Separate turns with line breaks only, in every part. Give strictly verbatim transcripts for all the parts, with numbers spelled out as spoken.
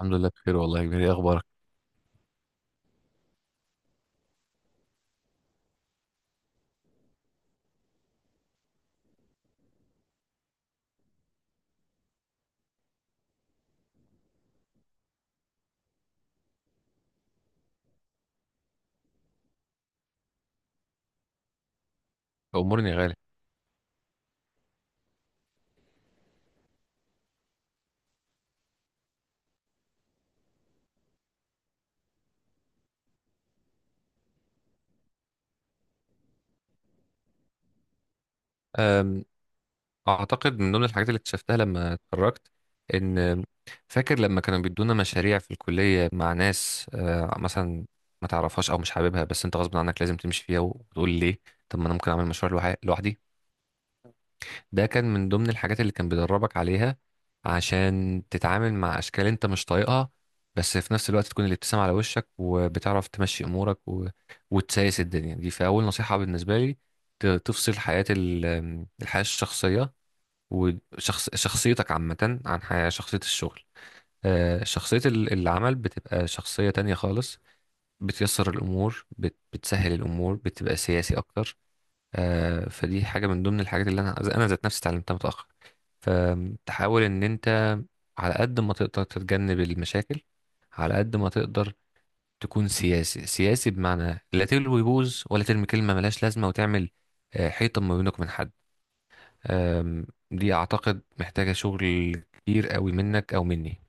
الحمد لله بخير والله يا كبير. ايه اخبارك؟ امورني يا غالي. أم، اعتقد من ضمن الحاجات اللي اكتشفتها لما اتخرجت ان فاكر لما كانوا بيدونا مشاريع في الكليه مع ناس، آه، مثلا ما تعرفهاش او مش حاببها، بس انت غصب عنك لازم تمشي فيها وتقول ليه طب ما انا ممكن اعمل مشروع لوحي- لوحدي. ده كان من ضمن الحاجات اللي كان بيدربك عليها عشان تتعامل مع اشكال انت مش طايقها، بس في نفس الوقت تكون الابتسامة على وشك وبتعرف تمشي امورك و... وتسايس الدنيا دي. فاول نصيحة بالنسبة لي ت- تفصل حياة ال... الحياة الشخصية وشخص شخصيتك عامة عن حياة شخصية الشغل. آه، شخصية ال- العمل بتبقى شخصية تانية خالص. بتيسر الأمور، بت... بتسهل الأمور، بتبقى سياسي أكتر. آه، فدي حاجة من ضمن الحاجات اللي أنا أنا ذات نفسي اتعلمتها متأخر. فتحاول ان انت على قد ما تقدر تتجنب المشاكل على قد ما تقدر تكون سياسي. سياسي بمعنى لا تلوي بوز ولا ترمي كلمة ملهاش لازمة، وتعمل آه، حيطة ما بينك من حد. آم، دي اعتقد محتاجة شغل كتير قوي منك او مني.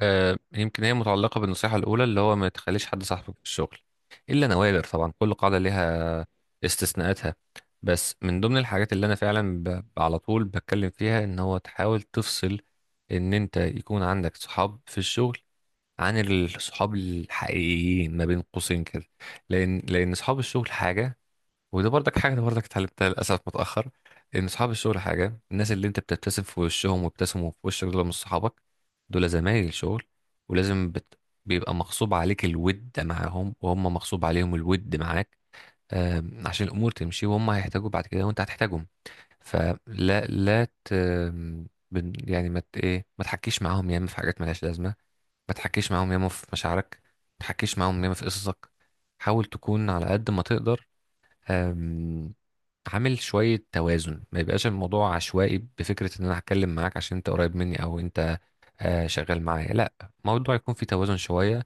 آه، يمكن هي متعلقة بالنصيحة الأولى، اللي هو ما تخليش حد صاحبك في الشغل إلا نوادر. طبعا كل قاعدة ليها استثناءاتها. بس من ضمن الحاجات اللي أنا فعلا ب... على طول بتكلم فيها إن هو تحاول تفصل إن أنت يكون عندك صحاب في الشغل عن الصحاب الحقيقيين، ما بين قوسين كده. لأن لأن صحاب الشغل حاجة، وده برضك حاجة أنا برضك اتعلمتها للأسف متأخر. إن صحاب الشغل حاجة، الناس اللي أنت بتبتسم في وشهم وابتسموا في وشك دول مش صحابك، دول زمايل شغل. ولازم بت... بيبقى مغصوب عليك الود معاهم، وهم مغصوب عليهم الود معاك. آم، عشان الأمور تمشي وهم هيحتاجوا بعد كده وأنت هتحتاجهم. فلا لا ت... آم، بن- يعني ما مت... إيه ما تحكيش معاهم ياما في حاجات ملهاش لازمة، ما تحكيش معاهم ياما في مشاعرك، ما تحكيش معاهم ياما في قصصك. حاول تكون على قد ما تقدر عامل شوية توازن، ما يبقاش الموضوع عشوائي بفكرة ان انا هتكلم معاك عشان انت قريب مني او انت آه، شغال معايا. لا، الموضوع يكون فيه توازن شوية،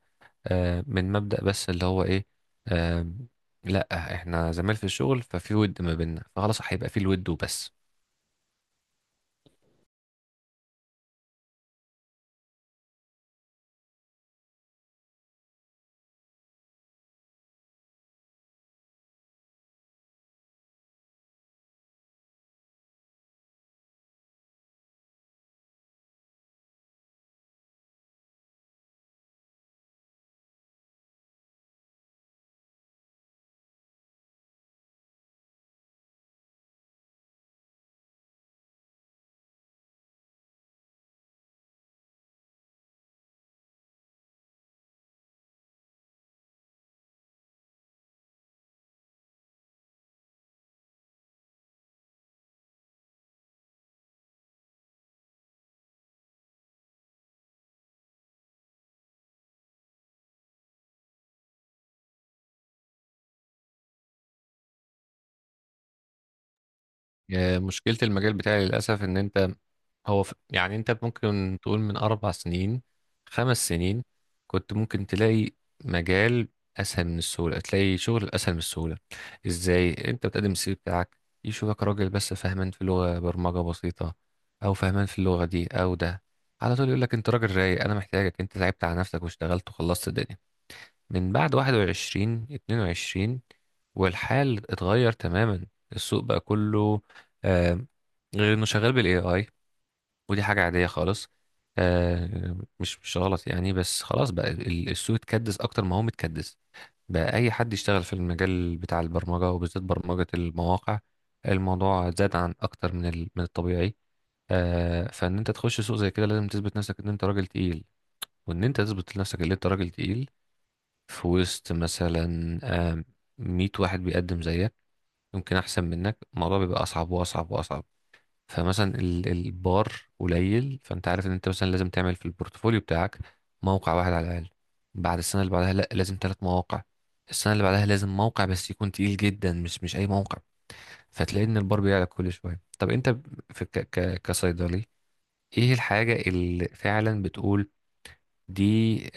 آه، من مبدأ بس اللي هو ايه. آه، لا، احنا زمايل في الشغل ففي ود ما بيننا، فخلاص هيبقى فيه الود وبس. آه، مشكلة المجال بتاعي للأسف إن أنت هو ف- يعني أنت ممكن تقول من أربع سنين، خمس سنين، كنت ممكن تلاقي مجال أسهل من السهولة، تلاقي شغل أسهل من السهولة. إزاي أنت بتقدم السي في بتاعك، يشوفك راجل بس فاهمان في لغة برمجة بسيطة أو فاهمان في اللغة دي أو ده، على طول يقول لك أنت راجل رايق أنا محتاجك. أنت تعبت على نفسك واشتغلت وخلصت الدنيا. من بعد واحد وعشرين اتنين وعشرين والحال اتغير تماما. السوق بقى كله آه غير انه شغال بالاي اي، ودي حاجة عادية خالص، آه مش مش غلط يعني. بس خلاص بقى ال- السوق اتكدس اكتر ما هو متكدس. بقى اي حد يشتغل في المجال بتاع البرمجة وبالذات برمجة المواقع. الموضوع زاد عن اكتر من ال- من الطبيعي. آه فان انت تخش سوق زي كده لازم تثبت نفسك ان انت راجل تقيل، وان انت تثبت لنفسك ان انت راجل تقيل في وسط مثلا آه، مائة واحد بيقدم زيك يمكن احسن منك. الموضوع بيبقى اصعب واصعب واصعب. فمثلا ال- البار قليل، فانت عارف ان انت مثلا لازم تعمل في البورتفوليو بتاعك موقع واحد على الاقل. بعد السنه اللي بعدها لا، لازم ثلاث مواقع. السنه اللي بعدها لازم موقع بس يكون تقيل جدا، مش مش اي موقع. فتلاقي ان البار بيعلى كل شويه. طب انت في ك ك كصيدلي ايه الحاجه اللي فعلا بتقول دي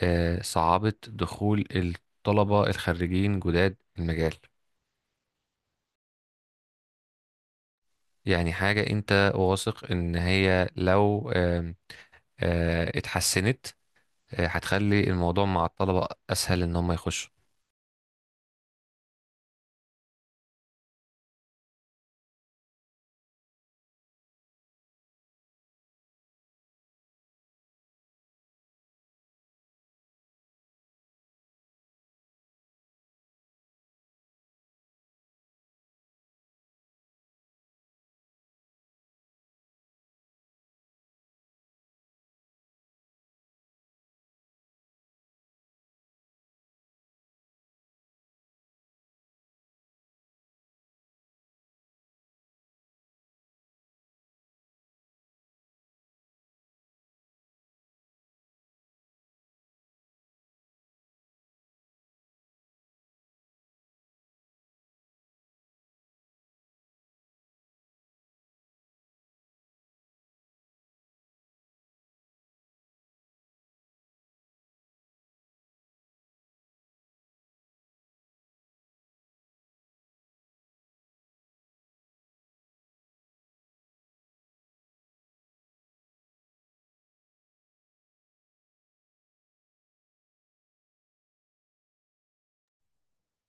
آه، صعبة دخول الطلبة الخريجين جداد المجال؟ يعني حاجة انت واثق ان هي لو آم، آه، اتحسنت آه، هتخلي الموضوع مع الطلبة اسهل ان هم يخشوا.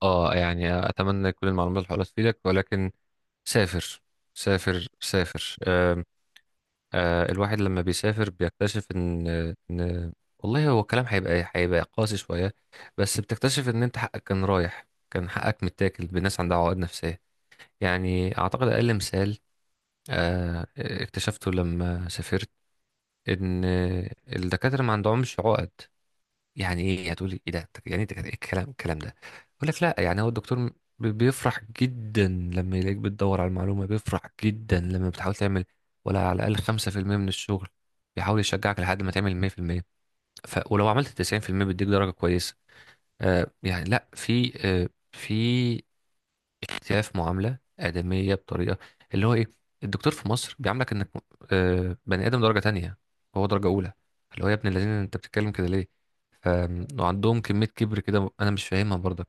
اه، يعني اتمنى كل المعلومات اللي حولت تفيدك. ولكن سافر. سافر سافر. آه، الواحد لما بيسافر بيكتشف ان ان والله، هو الكلام هيبقى هيبقى قاسي شويه، بس بتكتشف ان انت حقك كان رايح، كان حقك متاكل بناس عندها عقد نفسيه. يعني اعتقد اقل مثال آه، اكتشفته لما سافرت ان الدكاتره ما عندهمش عقد. يعني ايه؟ يعني هتقولي ايه ده، أنت- يعني انت كده- ايه الكلام الكلام ده؟ اقول لك لا. يعني هو الدكتور م- بي- بيفرح جدا لما يلاقيك بتدور على المعلومه، بيفرح جدا لما بتحاول تعمل ولا على الاقل خمسة في المئة من الشغل، بيحاول يشجعك لحد ما تعمل مية في المية. ف ولو عملت تسعين في المية بيديك درجه كويسه. آه يعني لا، في آه في شايف معاملة آدمية بطريقة، اللي هو إيه، الدكتور في مصر بيعاملك إنك آه، بني آدم درجة تانية، هو درجة أولى، اللي هو يا ابن الذين أنت بتتكلم كده ليه. ف- وعندهم كمية كبر كده أنا مش فاهمها برضك.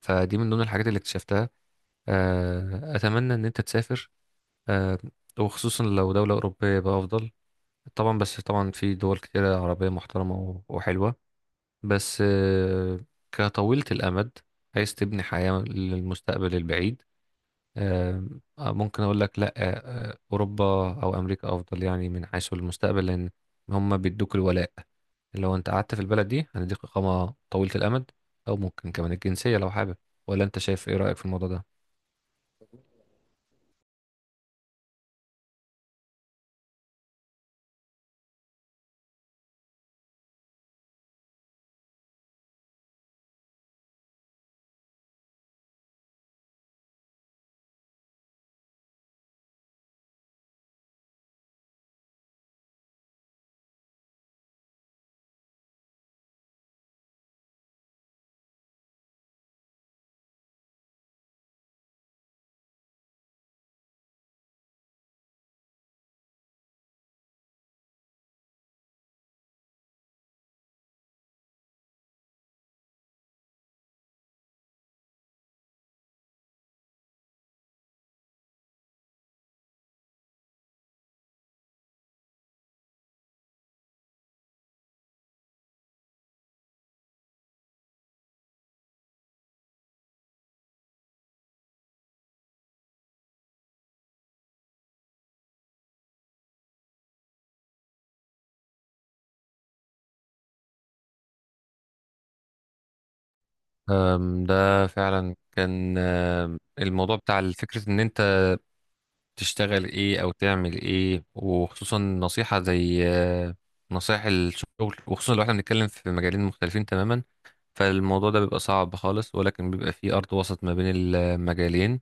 فدي من ضمن الحاجات اللي اكتشفتها. آه، أتمنى إن أنت تسافر، آه، وخصوصا لو دولة أوروبية بقى أفضل طبعا. بس طبعا في دول كتيرة عربية محترمة و- وحلوة، بس آه، كطويلة الأمد عايز تبني حياة للمستقبل البعيد. آه، آه، ممكن اقول لك لا، آه، آه، اوروبا او امريكا افضل يعني من حيث المستقبل، لان هم بيدوك الولاء. لو انت قعدت في البلد دي هنديك اقامه طويله الامد، او ممكن كمان الجنسيه لو حابب. ولا انت شايف ايه رايك في الموضوع ده؟ أم، ده فعلا كان أم، الموضوع بتاع فكرة ان انت تشتغل ايه او تعمل ايه، وخصوصا نصيحة زي أه، نصائح الشغل، وخصوصا لو احنا بنتكلم في مجالين مختلفين تماما. فالموضوع ده بيبقى صعب خالص ولكن بيبقى فيه أرض وسط ما بين المجالين.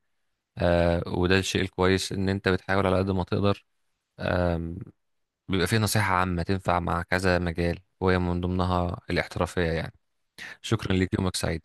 آه وده الشيء الكويس إن أنت بتحاول على قد ما تقدر. آم، بيبقى فيه نصيحة عامة تنفع مع كذا مجال وهي من ضمنها الاحترافية يعني. شكرا ليك، يومك سعيد.